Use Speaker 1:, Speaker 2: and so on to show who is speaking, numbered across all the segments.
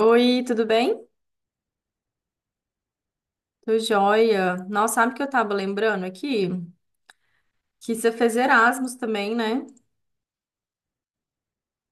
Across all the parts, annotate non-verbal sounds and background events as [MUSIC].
Speaker 1: Oi, tudo bem? Tô joia. Nossa, sabe o que eu tava lembrando aqui? Que você fez Erasmus também, né?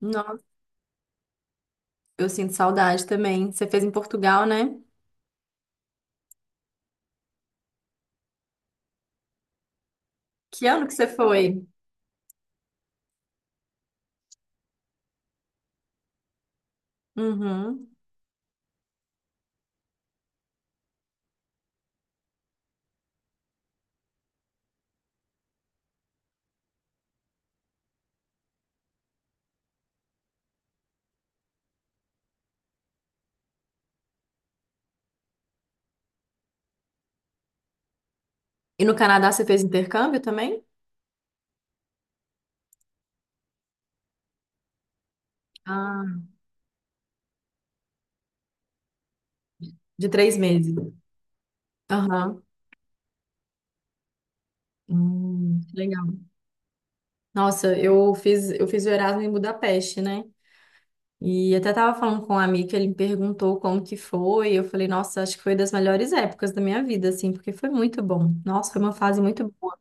Speaker 1: Nossa, eu sinto saudade também. Você fez em Portugal, né? Que ano que você foi? Uhum. E no Canadá você fez intercâmbio também? Ah, de 3 meses. Aham. Legal. Nossa, eu fiz o Erasmus em Budapeste, né? E até tava falando com um amigo, ele me perguntou como que foi. Eu falei, nossa, acho que foi das melhores épocas da minha vida, assim, porque foi muito bom. Nossa, foi uma fase muito boa.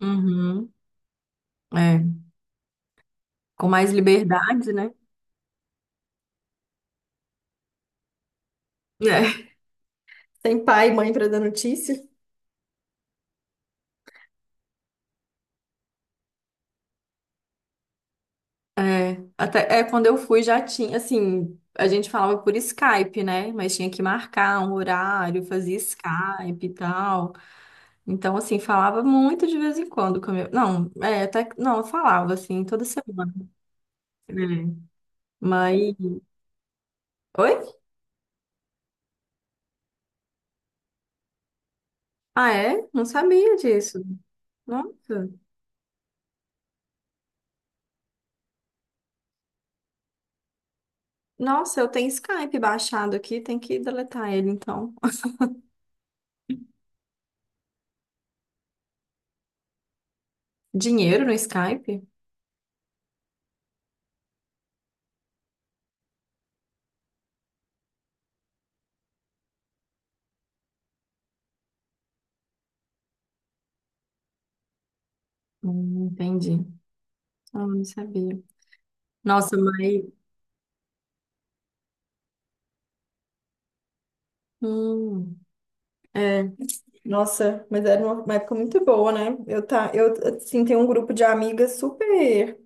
Speaker 1: Uhum. É, com mais liberdade, né? É. [LAUGHS] Sem pai e mãe pra dar notícia. É, até é, quando eu fui já tinha, assim, a gente falava por Skype, né? Mas tinha que marcar um horário, fazia Skype e tal. Então, assim, falava muito de vez em quando com a minha- Não, é, até que- não, eu falava assim toda semana, né? Mas oi? Ah, é? Não sabia disso. Nossa. Nossa, eu tenho Skype baixado aqui, tem que deletar ele então. [LAUGHS] Dinheiro no Skype? Entendi. Ah, não sabia. Nossa, mas. Hum, é. Nossa, mas era uma época muito boa, né? Eu, tá, eu assim, tenho um grupo de amigas super,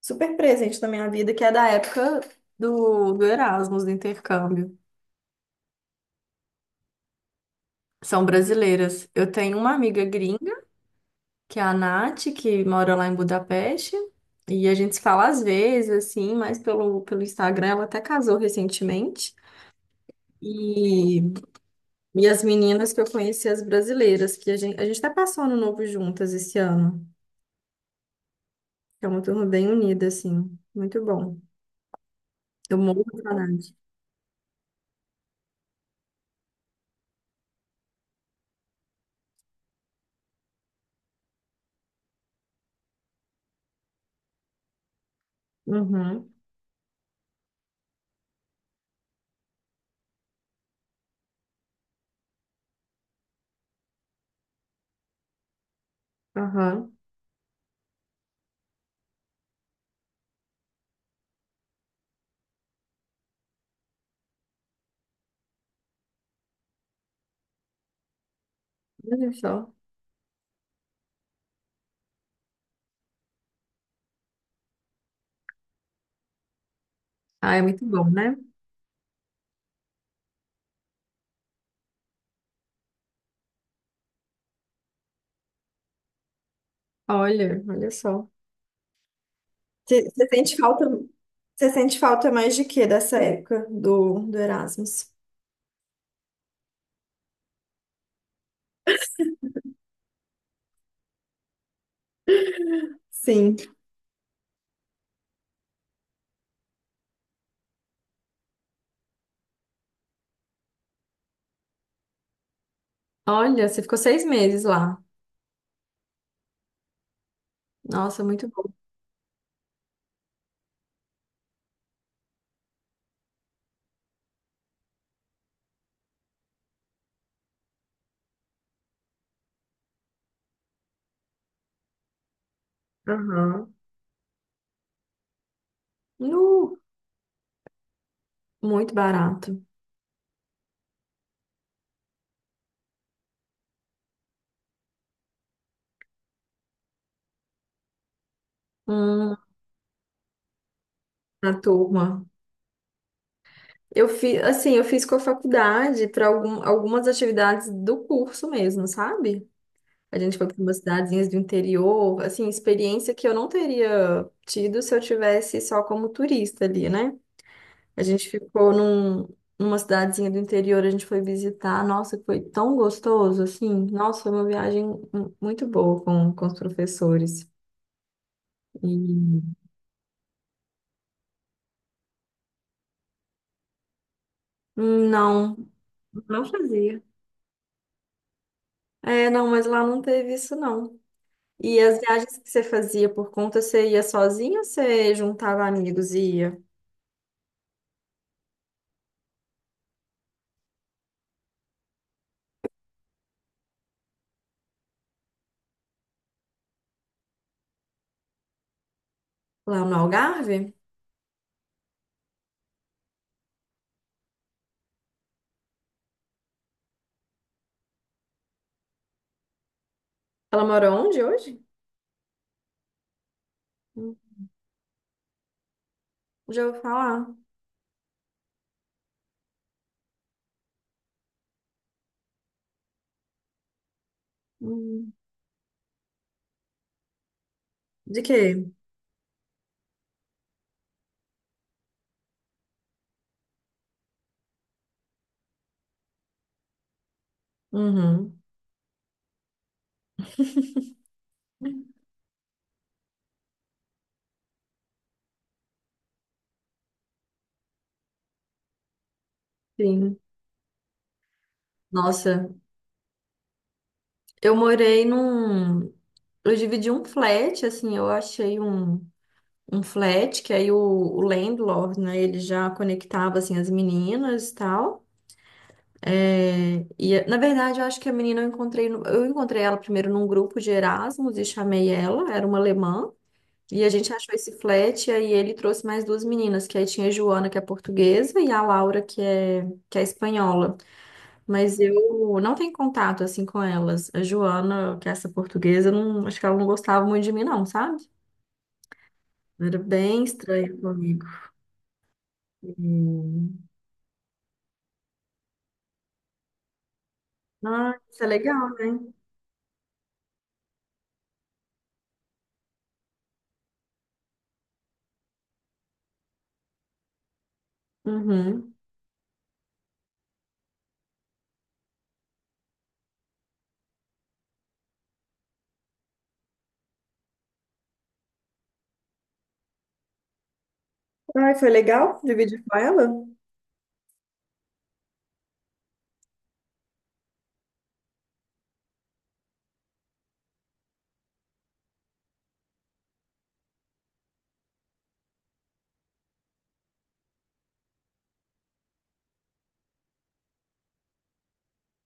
Speaker 1: super presente na minha vida, que é da época do Erasmus, do intercâmbio. São brasileiras. Eu tenho uma amiga gringa, que é a Nath, que mora lá em Budapeste. E a gente se fala às vezes, assim, mas pelo Instagram, ela até casou recentemente. E, e as meninas que eu conheci, as brasileiras, que a gente tá passando novo juntas esse ano. É uma turma bem unida, assim. Muito bom. Eu morro de saudade. Uhum, aham. Olha só. Ah, é muito bom, né? Olha, olha só. Você sente falta, você sente falta mais de quê dessa época do, do Erasmus? Sim. Olha, você ficou 6 meses lá. Nossa, muito bom. Aham. Nu, muito barato. Hum, a turma. Eu fiz, assim, eu fiz com a faculdade para algumas atividades do curso mesmo, sabe? A gente foi para umas cidadezinhas do interior, assim, experiência que eu não teria tido se eu tivesse só como turista ali, né? A gente ficou num, numa cidadezinha do interior, a gente foi visitar. Nossa, foi tão gostoso, assim. Nossa, foi uma viagem mu- muito boa com os professores. E não, não fazia. É, não, mas lá não teve isso, não. E as viagens que você fazia por conta, você ia sozinha ou você juntava amigos e ia lá no Algarve? Ela mora onde hoje? Hum, Já ouvi falar. Hum. De quê? Uhum, sim. Nossa, eu morei num, eu dividi um flat, assim, eu achei um, um flat, que aí o landlord, né, ele já conectava, assim, as meninas e tal. É, e, na verdade, eu acho que a menina eu encontrei, no- eu encontrei ela primeiro num grupo de Erasmus e chamei ela, era uma alemã. E a gente achou esse flat, e aí ele trouxe mais duas meninas, que aí tinha a Joana, que é portuguesa, e a Laura, que é espanhola. Mas eu não tenho contato, assim, com elas. A Joana, que é essa portuguesa, eu não, acho que ela não gostava muito de mim, não, sabe? Era bem estranho comigo. E... Ah, isso é legal, né? Uhum. Ai, foi legal dividir com ela?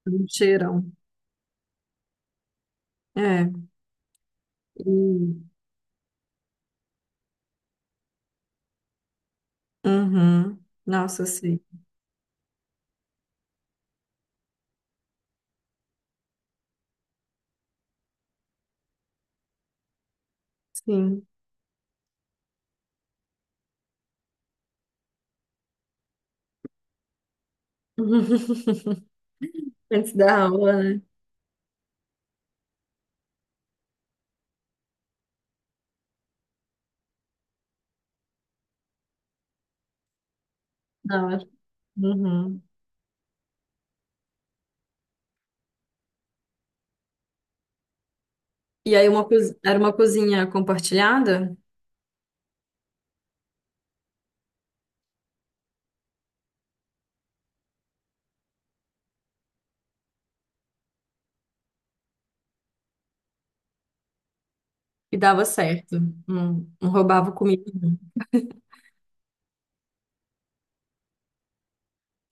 Speaker 1: Um cheirão. É. E- Uhum. Nossa, eu sei. Sim. [LAUGHS] Antes da aula, né? Da hora. Uhum. E aí uma cozi- era uma cozinha compartilhada e dava certo. Não, não roubava comida.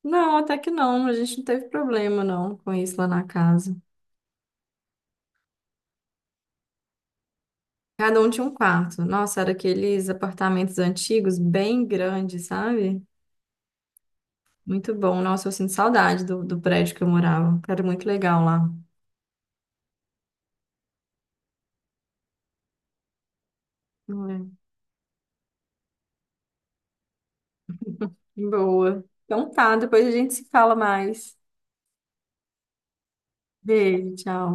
Speaker 1: Não, até que não. A gente não teve problema, não, com isso lá na casa. Cada um tinha um quarto. Nossa, era aqueles apartamentos antigos, bem grandes, sabe? Muito bom. Nossa, eu sinto saudade do, do prédio que eu morava. Era muito legal lá. É. Boa. Então tá, depois a gente se fala mais. Beijo, tchau.